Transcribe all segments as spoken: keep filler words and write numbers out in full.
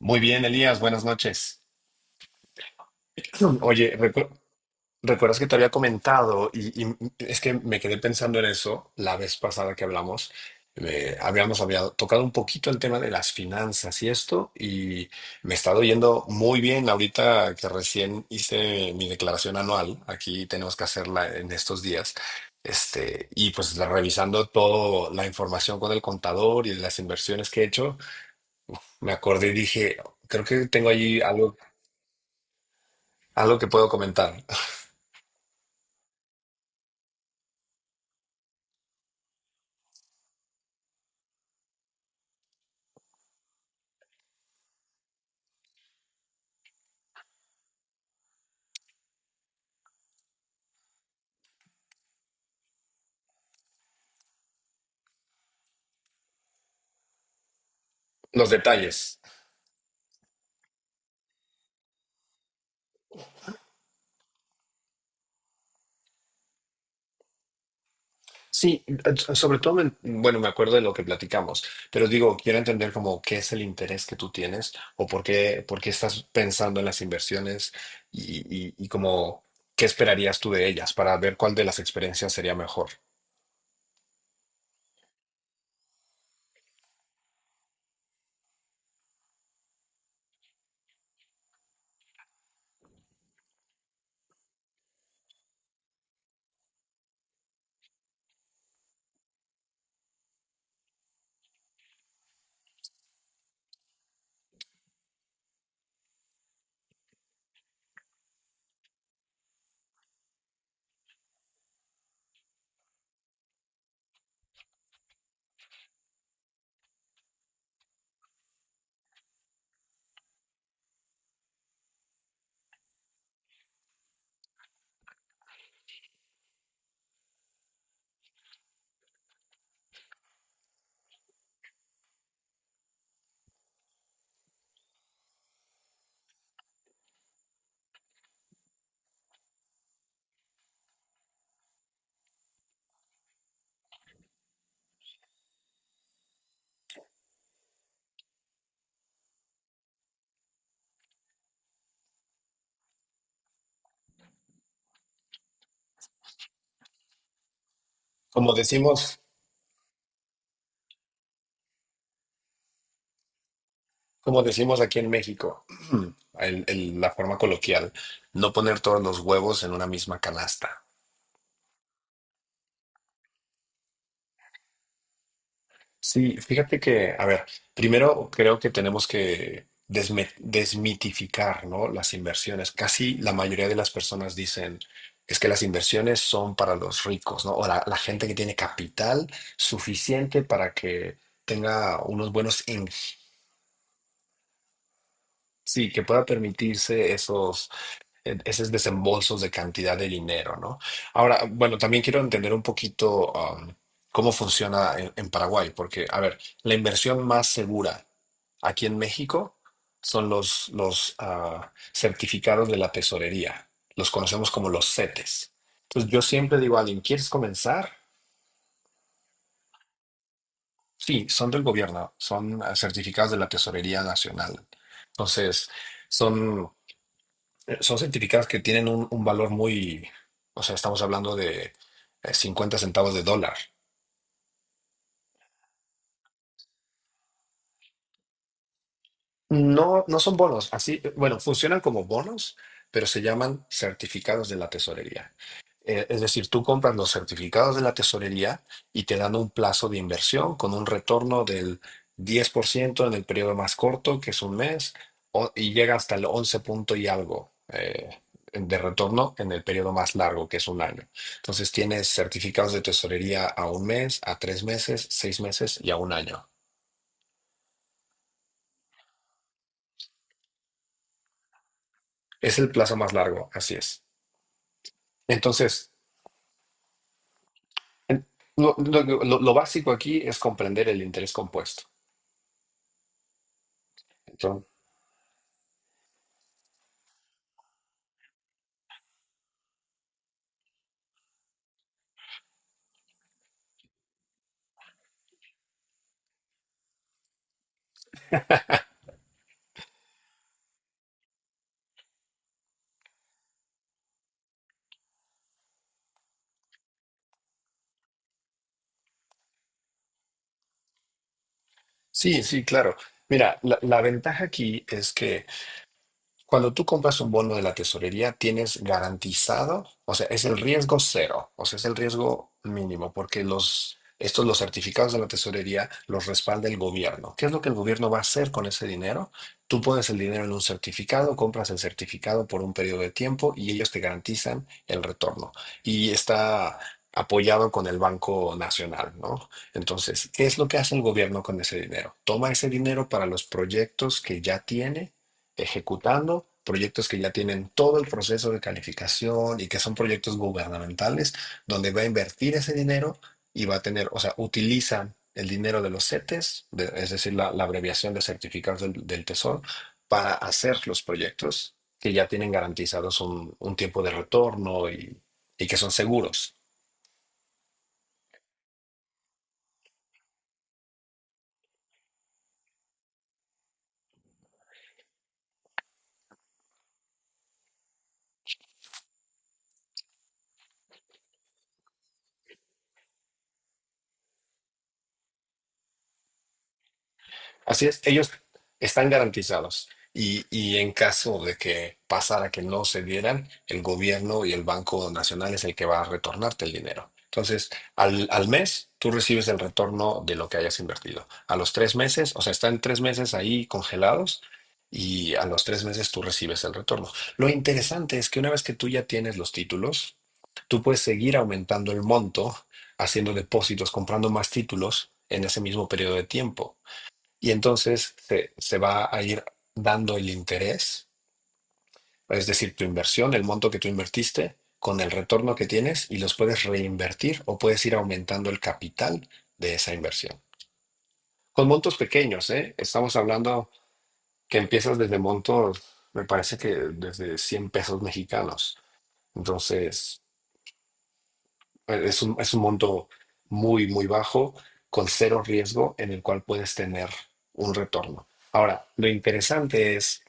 Muy bien, Elías, buenas noches. Oye, recu- ¿recuerdas que te había comentado? Y, y es que me quedé pensando en eso la vez pasada que hablamos. Eh, habíamos hablado- tocado un poquito el tema de las finanzas y esto, y me está yendo muy bien ahorita que recién hice mi declaración anual. Aquí tenemos que hacerla en estos días. Este, y pues la- revisando toda la información con el contador y las inversiones que he hecho, me acordé y dije, creo que tengo allí algo. Algo que puedo comentar. Los detalles. Sí, eh, sobre todo, me- bueno, me acuerdo de lo que platicamos, pero digo, quiero entender como qué es el interés que tú tienes o por qué, por qué estás pensando en las inversiones y, y, y como qué esperarías tú de ellas para ver cuál de las experiencias sería mejor. Como decimos, como decimos aquí en México, el- el- la forma coloquial: no poner todos los huevos en una misma canasta. Sí, fíjate que, a ver, primero creo que tenemos que desme- desmitificar, ¿no? Las inversiones. Casi la mayoría de las personas dicen es que las inversiones son para los ricos, ¿no? O la, la gente que tiene capital suficiente para que tenga unos buenos ingresos, sí, que pueda permitirse esos eh, esos desembolsos de cantidad de dinero, ¿no? Ahora, bueno, también quiero entender un poquito um, cómo funciona en, en Paraguay, porque, a ver, la inversión más segura aquí en México son los, los ah, certificados de la tesorería, los conocemos como los CETES. Entonces, yo siempre digo a alguien, ¿quieres comenzar? Sí, son del gobierno, son ah, certificados de la Tesorería Nacional. Entonces, son. Eh, Son certificados que tienen un, un valor muy, o sea, estamos hablando de eh, cincuenta centavos de dólar. No, no son bonos. Así, bueno, funcionan como bonos, pero se llaman certificados de la tesorería. Eh, es decir, tú compras los certificados de la tesorería y te dan un plazo de inversión con un retorno del diez por ciento en el periodo más corto, que es un mes, o- y llega hasta el once punto y algo eh, de retorno en el periodo más largo, que es un año. Entonces tienes certificados de tesorería a un mes, a tres meses, seis meses y a un año. Es el plazo más largo, así es. Entonces, En- Lo, lo- lo- lo básico aquí es comprender el interés compuesto. Entonces, sí, sí, claro. Mira, la, la ventaja aquí es que cuando tú compras un bono de la tesorería, tienes garantizado, o sea, es el riesgo cero, o sea, es el riesgo mínimo, porque los, estos, los certificados de la tesorería los respalda el gobierno. ¿Qué es lo que el gobierno va a hacer con ese dinero? Tú pones el dinero en un certificado, compras el certificado por un periodo de tiempo y ellos te garantizan el retorno. Y está apoyado con el Banco Nacional, ¿no? Entonces, ¿qué es lo que hace el gobierno con ese dinero? Toma ese dinero para los proyectos que ya tiene ejecutando, proyectos que ya tienen todo el proceso de calificación y que son proyectos gubernamentales, donde va a invertir ese dinero y va a tener, o sea, utilizan el dinero de los CETES, de- es decir, la, la abreviación de certificados del, del Tesoro, para hacer los proyectos que ya tienen garantizados un, un tiempo de retorno y, y que son seguros. Así es, ellos están garantizados. Y, y en caso de que pasara que no se dieran, el gobierno y el Banco Nacional es el que va a retornarte el dinero. Entonces, al, al mes, tú recibes el retorno de lo que hayas invertido. A los tres meses, o sea, están tres meses ahí congelados y a los tres meses tú recibes el retorno. Lo interesante es que una vez que tú ya tienes los títulos, tú puedes seguir aumentando el monto, haciendo depósitos, comprando más títulos en ese mismo periodo de tiempo y entonces se, se va a ir dando el interés, es decir, tu inversión, el monto que tú invertiste, con el retorno que tienes y los puedes reinvertir o puedes ir aumentando el capital de esa inversión. Con montos pequeños, ¿eh? Estamos hablando que empiezas desde montos, me parece que desde cien pesos mexicanos. Entonces, eh, es un, es un monto muy, muy bajo, con cero riesgo, en el cual puedes tener un retorno. Ahora, lo interesante es.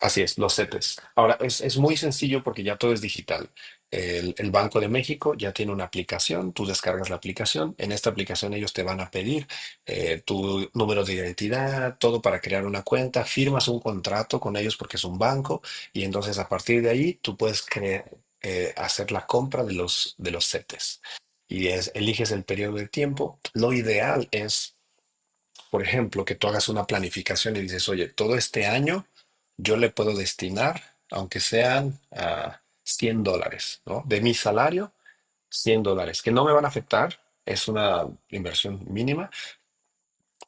Así es, los CETES. Ahora, es, es muy sencillo porque ya todo es digital. El, el Banco de México ya tiene una aplicación, tú descargas la aplicación, en esta aplicación ellos te van a pedir eh, tu número de identidad, todo para crear una cuenta, firmas un contrato con ellos porque es un banco y entonces a partir de ahí tú puedes cre- eh, hacer la compra de los, de los CETES. Y es- eliges el periodo de tiempo. Lo ideal es, por ejemplo, que tú hagas una planificación y dices, oye, todo este año yo le puedo destinar, aunque sean ah, cien dólares, ¿no? De mi salario, cien dólares, que no me van a afectar, es una inversión mínima,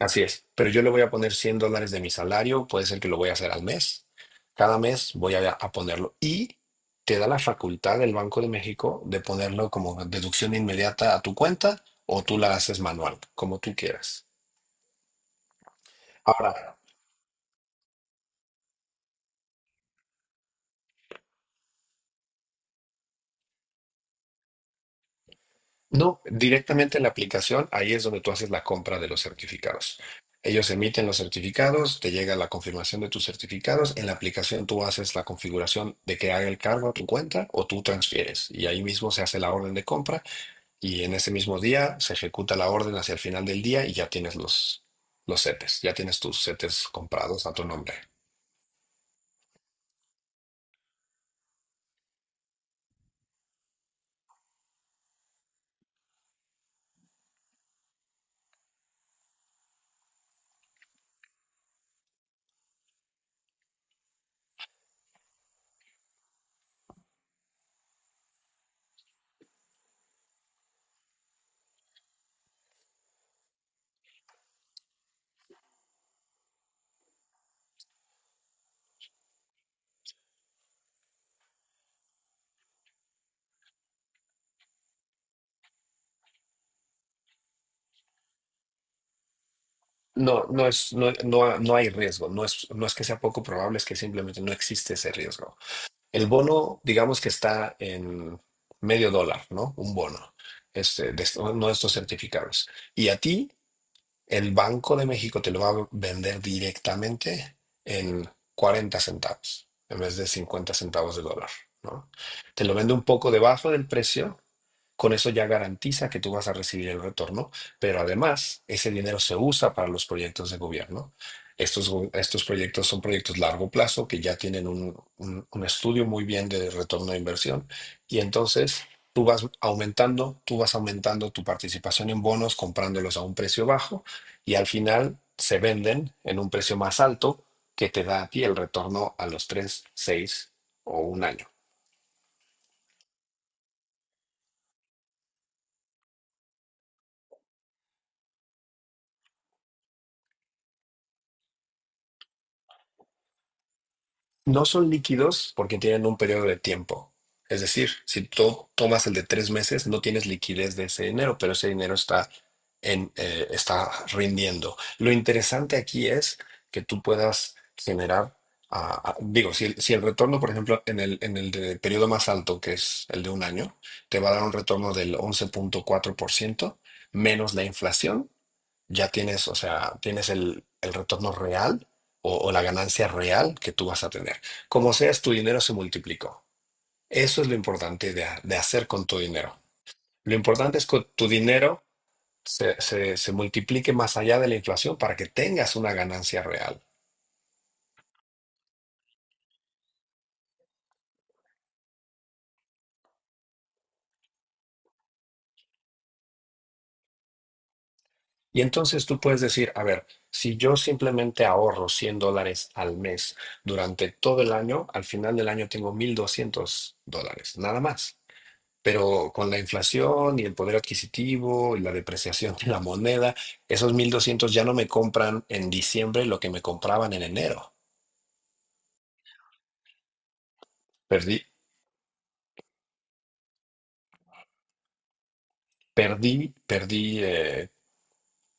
así es, pero yo le voy a poner cien dólares de mi salario, puede ser que lo voy a hacer al mes, cada mes voy a, a ponerlo y te da la facultad del Banco de México de ponerlo como deducción inmediata a tu cuenta o tú la haces manual, como tú quieras. Ahora, no, directamente en la aplicación, ahí es donde tú haces la compra de los certificados. Ellos emiten los certificados, te llega la confirmación de tus certificados, en la aplicación tú haces la configuración de que haga el cargo a tu cuenta o tú transfieres y ahí mismo se hace la orden de compra y en ese mismo día se ejecuta la orden hacia el final del día y ya tienes los, los CETES, ya tienes tus CETES comprados a tu nombre. No, no es, no, no, no hay riesgo, no es, no es que sea poco probable, es que simplemente no existe ese riesgo. El bono, digamos que está en medio dólar, ¿no? Un bono, este, de, esto- no, estos certificados. Y a ti el Banco de México te lo va a vender directamente en cuarenta centavos en vez de cincuenta centavos de dólar, ¿no? Te lo vende un poco debajo del precio, con eso ya garantiza que tú vas a recibir el retorno, pero además ese dinero se usa para los proyectos de gobierno. Estos, go- estos proyectos son proyectos largo plazo que ya tienen un, un un estudio muy bien de retorno de inversión y entonces tú vas aumentando, tú vas aumentando tu participación en bonos comprándolos a un precio bajo y al final se venden en un precio más alto que te da a ti el retorno a los tres, seis o un año. No son líquidos porque tienen un periodo de tiempo. Es decir, si tú tomas el de tres meses, no tienes liquidez de ese dinero, pero ese dinero está en, eh, está rindiendo. Lo interesante aquí es que tú puedas generar, ah, ah, digo, si, el- si el retorno, por ejemplo, en el, en el de periodo más alto, que es el de un año, te va a dar un retorno del once punto cuatro por ciento menos la inflación, ya tienes, o sea, tienes el, el retorno real o, o la ganancia real que tú vas a tener. Como seas, tu dinero se multiplicó. Eso es lo importante de, de hacer con tu dinero. Lo importante es que tu dinero se, se, se multiplique más allá de la inflación para que tengas una ganancia real. Y entonces tú puedes decir, a ver, si yo simplemente ahorro cien dólares al mes durante todo el año, al final del año tengo mil doscientos dólares, nada más. Pero con la inflación y el poder adquisitivo y la depreciación de la moneda, esos mil doscientos ya no me compran en diciembre lo que me compraban en enero. Perdí, perdí, perdí, eh,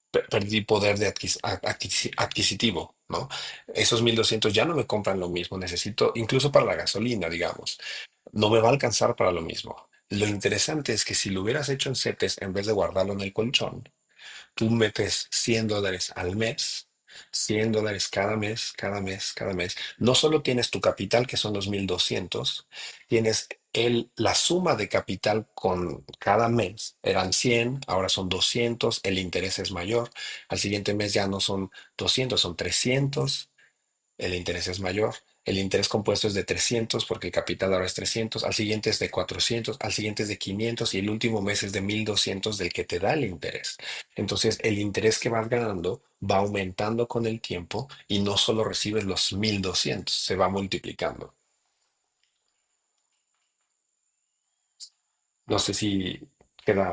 per- perdí poder de adquis- a- adquisi- adquisitivo, ¿no? Esos mil doscientos ya no me compran lo mismo. Necesito, incluso para la gasolina, digamos, no me va a alcanzar para lo mismo. Lo interesante es que si lo hubieras hecho en CETES en vez de guardarlo en el colchón. Tú metes cien dólares al mes, cien dólares cada mes, cada mes, cada mes. No solo tienes tu capital, que son los mil doscientos, tienes el, la suma de capital con cada mes. Eran cien, ahora son doscientos, el interés es mayor. Al siguiente mes ya no son doscientos, son trescientos, el interés es mayor. El interés compuesto es de trescientos, porque el capital ahora es trescientos, al siguiente es de cuatrocientos, al siguiente es de quinientos y el último mes es de mil doscientos del que te da el interés. Entonces, el interés que vas ganando va aumentando con el tiempo y no solo recibes los mil doscientos, se va multiplicando. No sé si queda.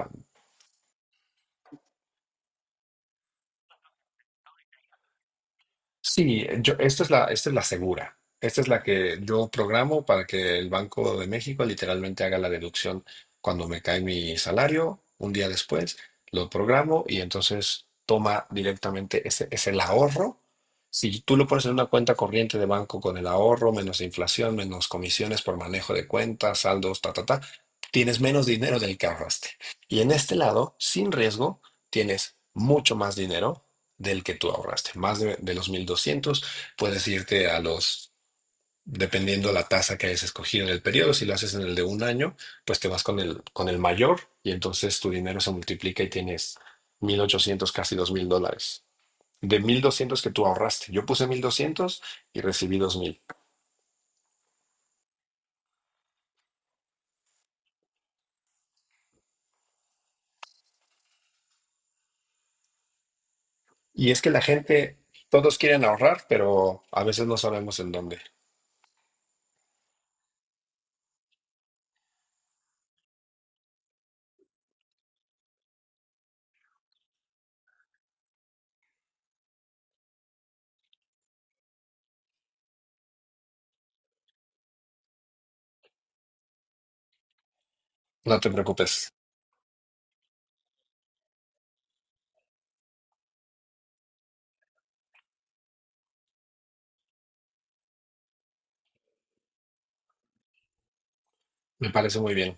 Sí, yo, esta es la, esta es la, segura. Esta es la que yo programo para que el Banco de México literalmente haga la deducción cuando me cae mi salario, un día después, lo programo y entonces toma directamente, ese es el ahorro. Si tú lo pones en una cuenta corriente de banco con el ahorro, menos inflación, menos comisiones por manejo de cuentas, saldos, ta, ta, ta, tienes menos dinero del que ahorraste. Y en este lado, sin riesgo, tienes mucho más dinero del que tú ahorraste. Más de, de los mil doscientos puedes irte a los, dependiendo la tasa que hayas escogido en el periodo, si lo haces en el de un año, pues te vas con el, con el mayor y entonces tu dinero se multiplica y tienes mil ochocientos, casi dos mil dólares. De mil doscientos que tú ahorraste. Yo puse mil doscientos y recibí dos mil. Y es que la gente, todos quieren ahorrar, pero a veces no sabemos en dónde. No te preocupes. Me parece muy bien.